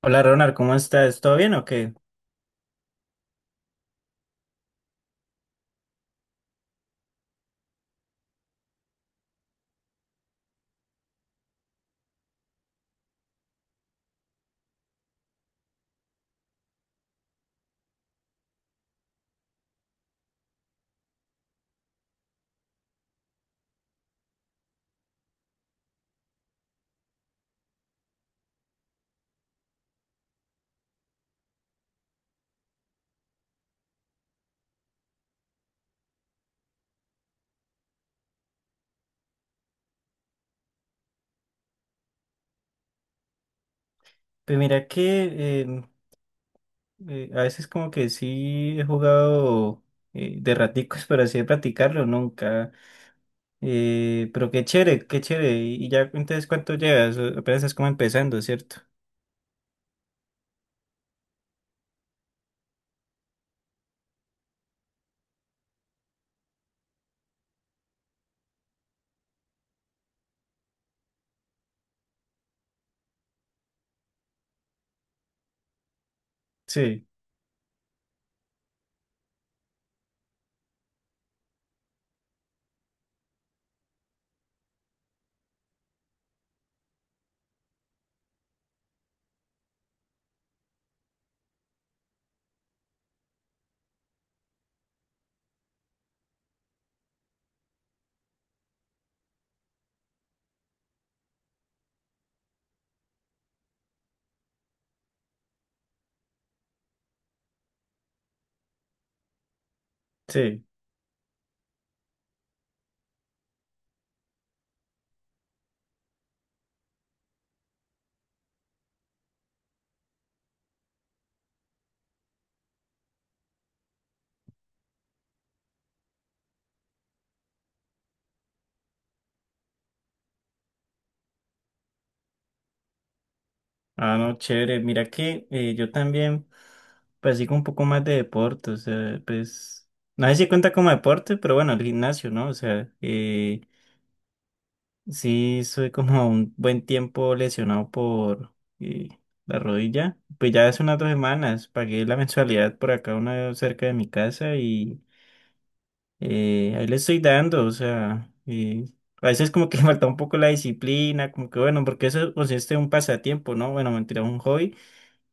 Hola Ronald, ¿cómo estás? ¿Todo bien o qué? Pues mira que a veces como que sí he jugado de raticos, pero así de practicarlo nunca. Pero qué chévere, qué chévere. Y ya entonces cuánto llevas, apenas estás como empezando, ¿cierto? Sí, sí. Ah, no, chévere. Mira que yo también practico un poco más de deporte, o sea, pues no sé si cuenta como deporte, pero bueno, el gimnasio, ¿no? O sea, Sí, soy como un buen tiempo lesionado por la rodilla. Pues ya hace unas 2 semanas pagué la mensualidad por acá, una cerca de mi casa y ahí le estoy dando. O sea, a veces como que falta un poco la disciplina, como que bueno, porque eso consiste en un pasatiempo, ¿no? Bueno, mentira, un hobby,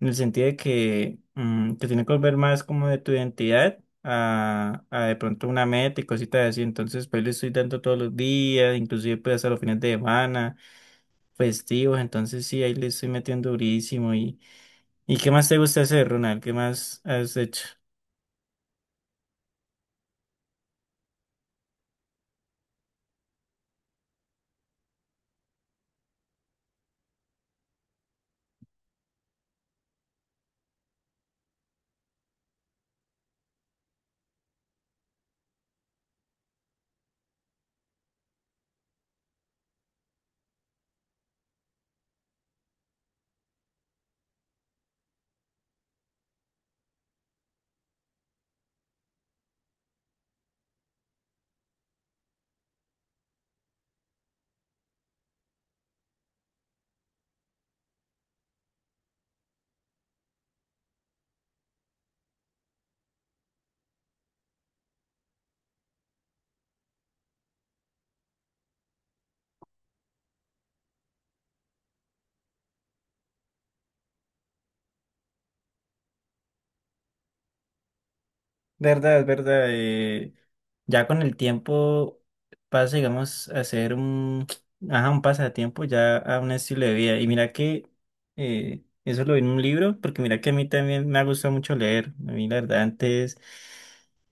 en el sentido de que te tiene que volver más como de tu identidad. A de pronto una meta y cositas así, entonces pues le estoy dando todos los días, inclusive pues hasta los fines de semana festivos, entonces sí, ahí le estoy metiendo durísimo. Y qué más te gusta hacer, Ronald? ¿Qué más has hecho? Verdad, es verdad. Ya con el tiempo pasa, digamos, ajá, un pasatiempo ya a un estilo de vida. Y mira que eso lo vi en un libro, porque mira que a mí también me ha gustado mucho leer. A mí, la verdad, antes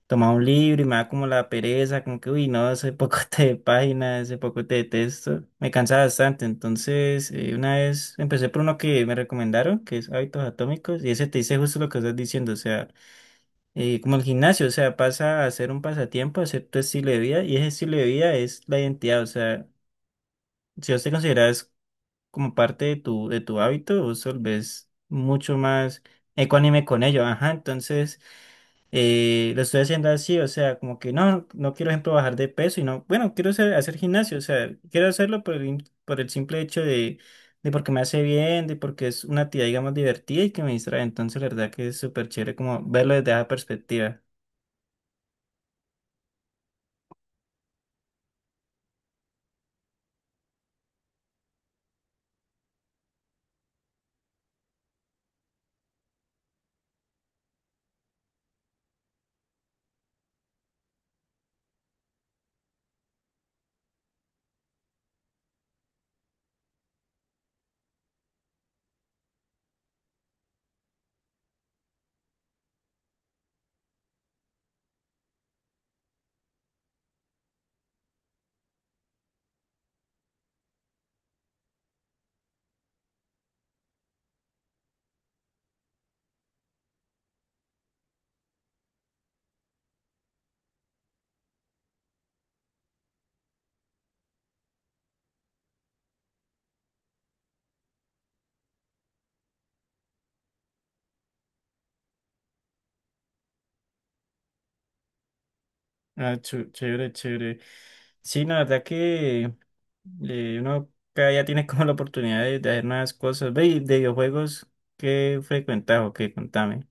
tomaba un libro y me daba como la pereza, como que, uy, no, ese poco de páginas, ese poco de texto. Me cansaba bastante. Entonces, una vez empecé por uno que me recomendaron, que es Hábitos Atómicos, y ese te dice justo lo que estás diciendo, o sea como el gimnasio, o sea, pasa a ser un pasatiempo, a ser tu estilo de vida, y ese estilo de vida es la identidad, o sea, si vos te consideras como parte de tu hábito, vos te volvés mucho más ecuánime con ello, ajá, entonces lo estoy haciendo así, o sea, como que no, no quiero, ejemplo, bajar de peso, y no, bueno, quiero hacer, hacer gimnasio, o sea, quiero hacerlo por el, por el simple hecho de porque me hace bien, de porque es una actividad, digamos, divertida y que me distrae, entonces la verdad que es súper chévere como verlo desde esa perspectiva. Ah, chévere, chévere. Sí, no, la verdad que uno cada día tiene como la oportunidad de hacer nuevas cosas. Ve, y de videojuegos, ¿qué frecuentas o qué? Contame.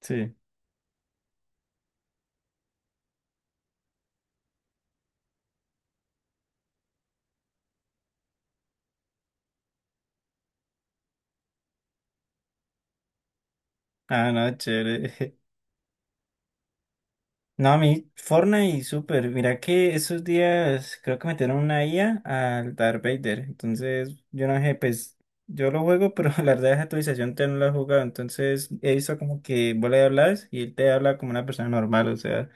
Sí. Ah, no, chévere. No, a mí Fortnite, y super mira que esos días creo que metieron una IA al Darth Vader. Entonces, yo no sé, pues yo lo juego, pero la verdad esa actualización te no la he jugado. Entonces, he visto como que vos le hablas y él te habla como una persona normal, o sea,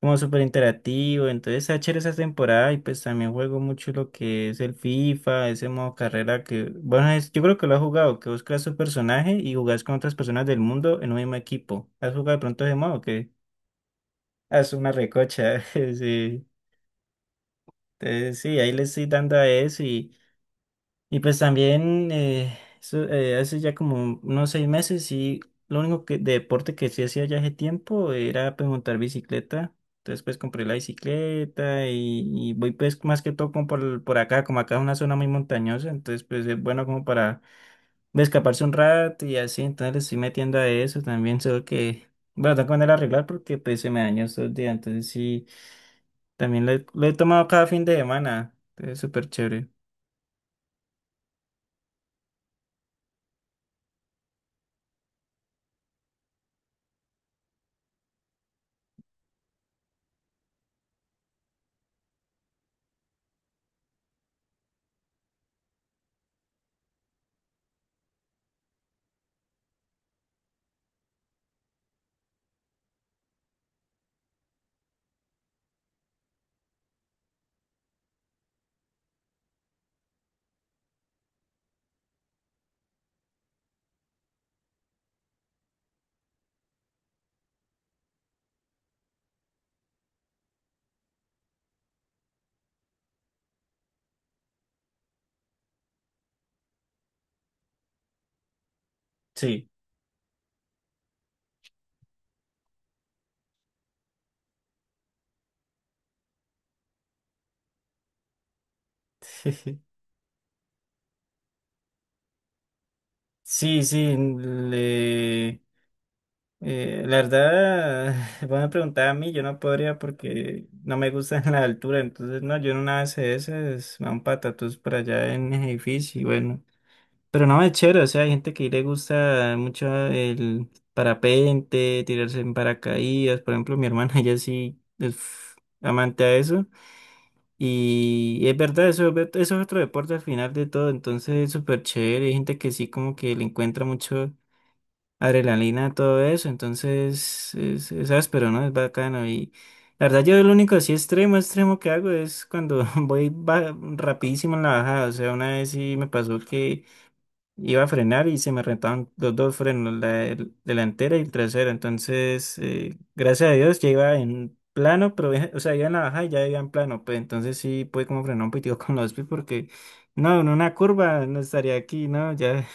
como súper interactivo. Entonces está chévere esa temporada y pues también juego mucho lo que es el FIFA, ese modo carrera que, bueno, yo creo que lo has jugado, que vos creas tu personaje y jugás con otras personas del mundo en un mismo equipo. ¿Has jugado de pronto ese modo que? Ah, es una recocha, sí. Entonces sí, ahí le estoy dando a eso. Y pues también, eso, hace ya como unos 6 meses, y lo único que, de deporte que sí hacía ya hace tiempo era pues montar bicicleta. Entonces pues compré la bicicleta y voy pues más que todo como por acá, como acá es una zona muy montañosa, entonces pues es bueno como para escaparse un rato y así, entonces le estoy metiendo a eso también, solo que, bueno, tengo que mandar a arreglar porque pues se me dañó estos días, entonces sí, también lo he tomado cada fin de semana, entonces es súper chévere. Sí. Sí, sí, la verdad, van a preguntar a mí, yo no podría porque no me gusta la altura, entonces no, yo en una ese es a un patatús por allá en el edificio y bueno, pero no, es chévere, o sea, hay gente que le gusta mucho el parapente, tirarse en paracaídas, por ejemplo, mi hermana, ella sí es amante a eso. Y es verdad, eso, eso es otro deporte al final de todo, entonces es súper chévere. Hay gente que sí como que le encuentra mucho adrenalina, todo eso, entonces es áspero, ¿no? Es bacano y la verdad yo lo único así extremo, extremo que hago es cuando voy rapidísimo en la bajada, o sea, una vez sí me pasó que iba a frenar y se me rentaban los dos frenos, la delantera y el trasero, entonces gracias a Dios ya iba en plano, pero o sea, iba en la bajada y ya iba en plano, pues entonces sí pude como frenar un poquitico con los pies porque no, en una curva no estaría aquí, ¿no? Ya.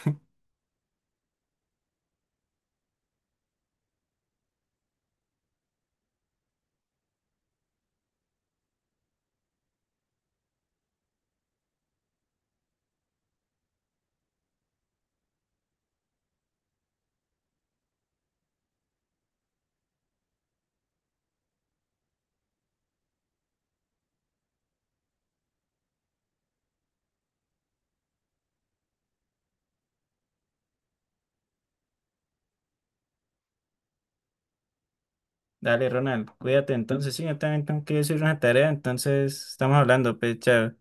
Dale, Ronald, cuídate entonces. Sí, yo también tengo que hacer una tarea, entonces estamos hablando, pues, chao.